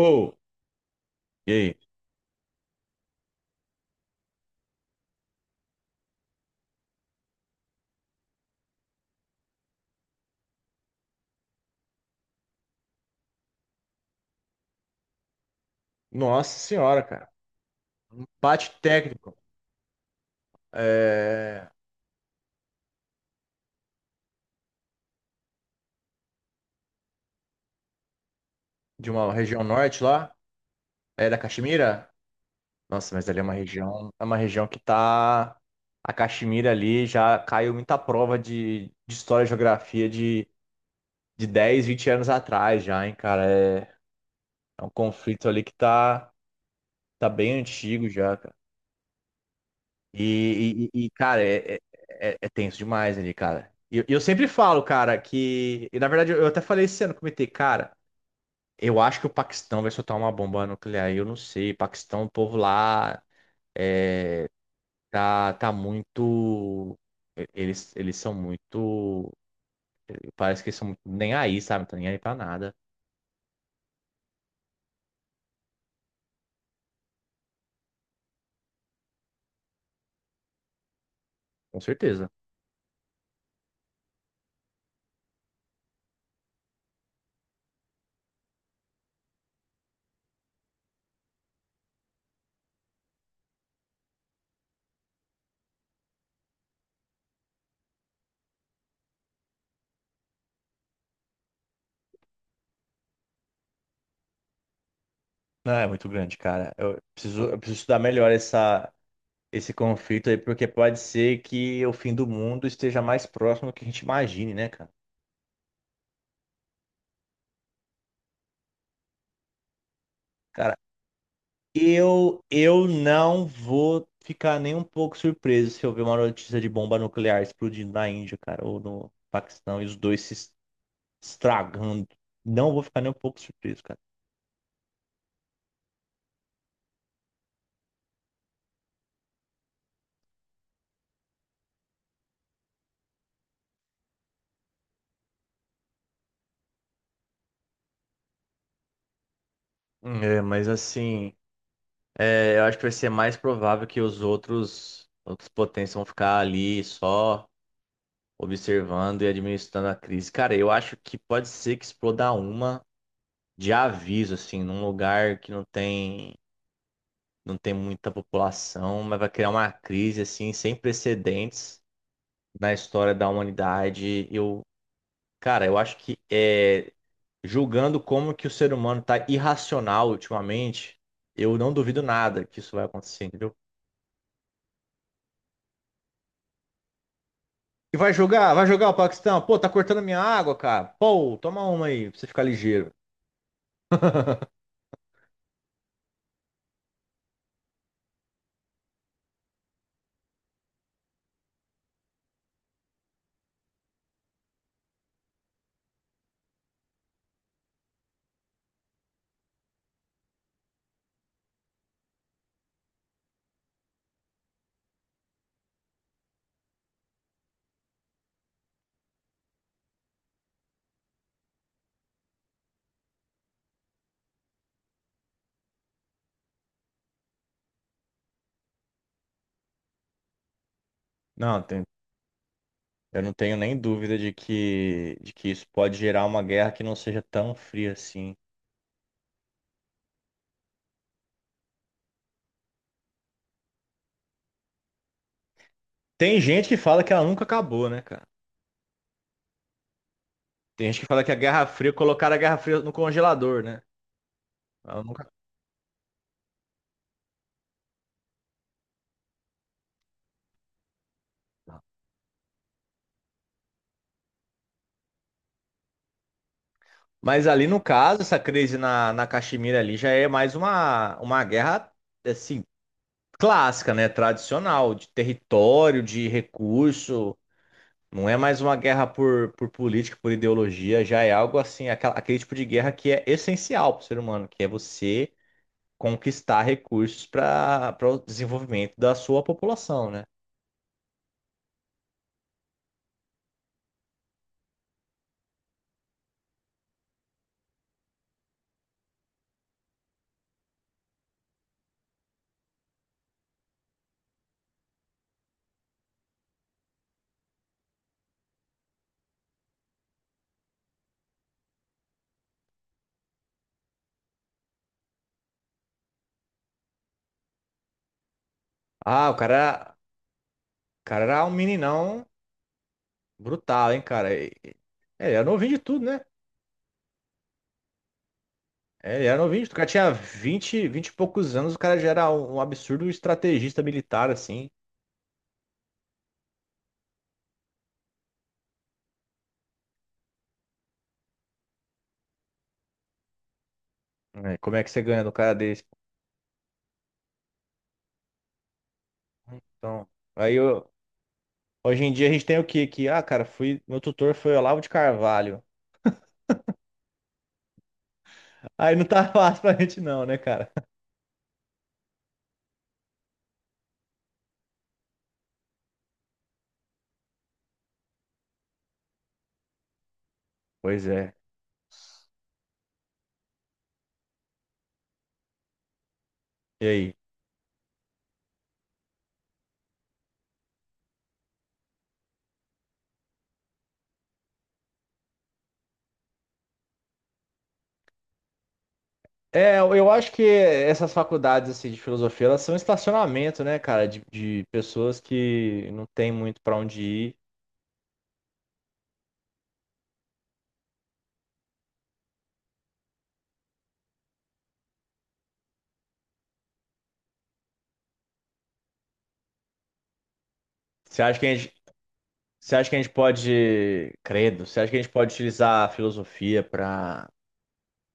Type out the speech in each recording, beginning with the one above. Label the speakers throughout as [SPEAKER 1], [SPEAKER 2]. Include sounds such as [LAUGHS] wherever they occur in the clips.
[SPEAKER 1] Ou, e aí? Nossa senhora, cara. Um empate técnico é, de uma região norte lá, é da Caxemira. Nossa, mas ali é uma região que tá. A Caxemira ali já caiu muita prova de história e geografia de 10, 20 anos atrás já, hein, cara. É, é um conflito ali que tá, tá bem antigo já, cara. E, cara, é tenso demais ali, cara. E eu sempre falo, cara, que. E na verdade eu até falei esse ano, comentei, cara. Eu acho que o Paquistão vai soltar uma bomba nuclear. Eu não sei. Paquistão, o povo lá é, tá muito. Eles são muito. Parece que eles são muito nem aí, sabe? Não tá nem aí pra nada. Com certeza. Não, é muito grande, cara. Eu preciso estudar melhor essa, esse conflito aí, porque pode ser que o fim do mundo esteja mais próximo do que a gente imagine, né, cara? Cara, eu não vou ficar nem um pouco surpreso se eu ver uma notícia de bomba nuclear explodindo na Índia, cara, ou no Paquistão, e os dois se estragando. Não vou ficar nem um pouco surpreso, cara. É, mas assim, é, eu acho que vai ser mais provável que os outros, outras potências vão ficar ali só observando e administrando a crise. Cara, eu acho que pode ser que exploda uma de aviso, assim, num lugar que não tem. Não tem muita população, mas vai criar uma crise assim sem precedentes na história da humanidade. Eu, cara, eu acho que é, julgando como que o ser humano tá irracional ultimamente, eu não duvido nada que isso vai acontecer, entendeu? E vai jogar o Paquistão. Pô, tá cortando minha água, cara. Pô, toma uma aí pra você ficar ligeiro. Não, tem- eu não tenho nem dúvida de que isso pode gerar uma guerra que não seja tão fria assim. Tem gente que fala que ela nunca acabou, né, cara? Tem gente que fala que a Guerra Fria, colocaram a Guerra Fria no congelador, né? Ela nunca- Mas ali no caso, essa crise na, na Caxemira ali já é mais uma guerra, assim, clássica, né? Tradicional, de território, de recurso. Não é mais uma guerra por política, por ideologia, já é algo assim, aquele tipo de guerra que é essencial para o ser humano, que é você conquistar recursos para o desenvolvimento da sua população, né? Ah, o cara era um meninão brutal, hein, cara? É, ele era novinho de tudo, né? É, ele era novinho de tudo. O cara tinha vinte e poucos anos, o cara já era um absurdo estrategista militar, assim. É, como é que você ganha do cara desse? Então, aí eu- hoje em dia a gente tem o quê? Que, ah, cara, fui, meu tutor foi Olavo de Carvalho. Aí não tá [LAUGHS] fácil pra gente não, né, cara? Pois é. E aí? É, eu acho que essas faculdades assim, de filosofia, elas são estacionamento, né, cara, de pessoas que não tem muito pra onde ir. Você acha que a gente, Você acha que a gente pode, credo, você acha que a gente pode utilizar a filosofia para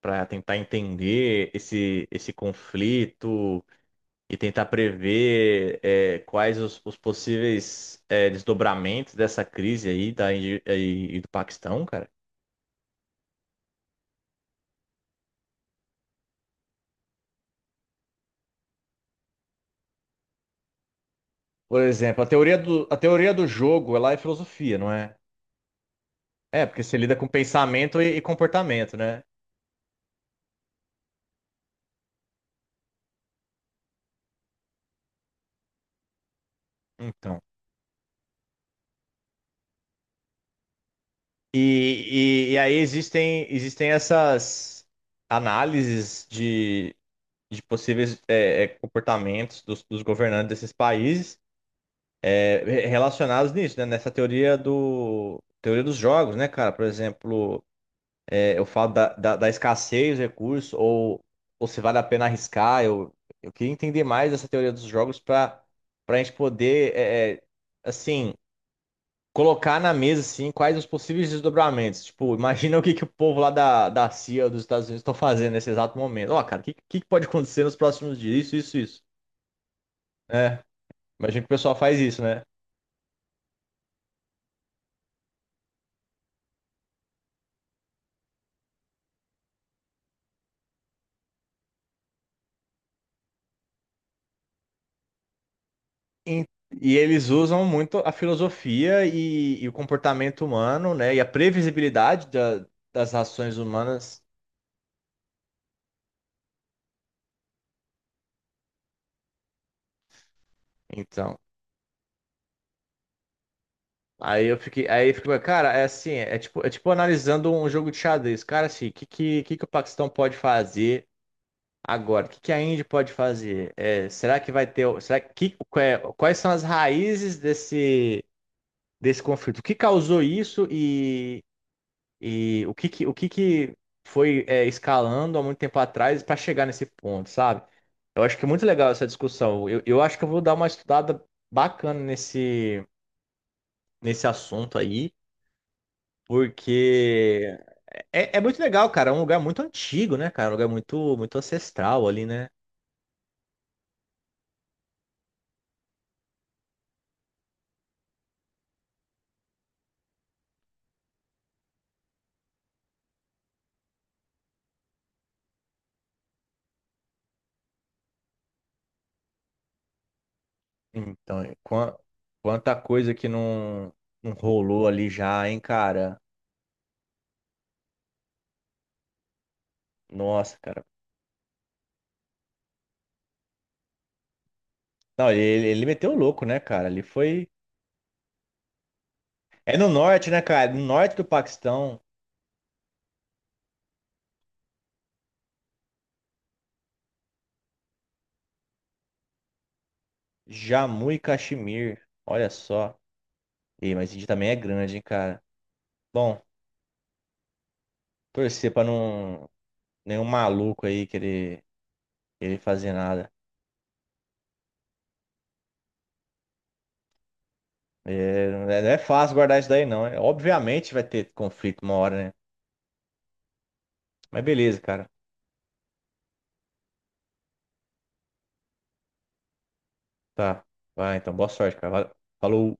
[SPEAKER 1] para tentar entender esse, esse conflito e tentar prever é, quais os possíveis é, desdobramentos dessa crise aí da Índia e do Paquistão, cara? Por exemplo, a teoria do jogo, ela é filosofia, não é? É, porque você lida com pensamento e comportamento, né? Então. E aí existem, existem essas análises de possíveis é, é, comportamentos dos, dos governantes desses países é, relacionados nisso, né? Nessa teoria do teoria dos jogos, né, cara? Por exemplo, é, eu falo da, da, da escassez de recursos ou se vale a pena arriscar. Eu queria entender mais essa teoria dos jogos para para a gente poder, é, é, assim, colocar na mesa assim, quais os possíveis desdobramentos. Tipo, imagina [LAUGHS] o que, que o povo lá da, da CIA dos Estados Unidos estão fazendo nesse exato momento. Ó, cara, o que, que pode acontecer nos próximos dias? Isso, isso, isso. É. Imagino que o pessoal faz isso, né? E, e eles usam muito a filosofia e o comportamento humano, né? E a previsibilidade das ações humanas. Então, aí eu fiquei, cara, é assim, é tipo analisando um jogo de xadrez. Cara, assim, o que, que o Paquistão pode fazer agora? O que, que a Índia pode fazer? É, será que vai ter, será que, quais são as raízes desse, desse conflito? O que causou isso e o que que foi é, escalando há muito tempo atrás para chegar nesse ponto, sabe? Eu acho que é muito legal essa discussão. Eu acho que eu vou dar uma estudada bacana nesse, nesse assunto aí, porque é, é muito legal, cara. É um lugar muito antigo, né, cara? Um lugar muito, muito ancestral ali, né? Então, quanta coisa que não, não rolou ali já, hein, cara? Nossa, cara. Não, ele meteu o louco, né, cara? Ele foi. É no norte, né, cara? É no norte do Paquistão. Jammu e Caxemir. Olha só. Ei, mas Índia também é grande, hein, cara. Bom, torcer pra não nenhum maluco aí querer, querer fazer nada. É, não é fácil guardar isso daí, não. É, obviamente vai ter conflito uma hora, né? Mas beleza, cara. Tá. Vai, então, boa sorte, cara. Valeu. Falou.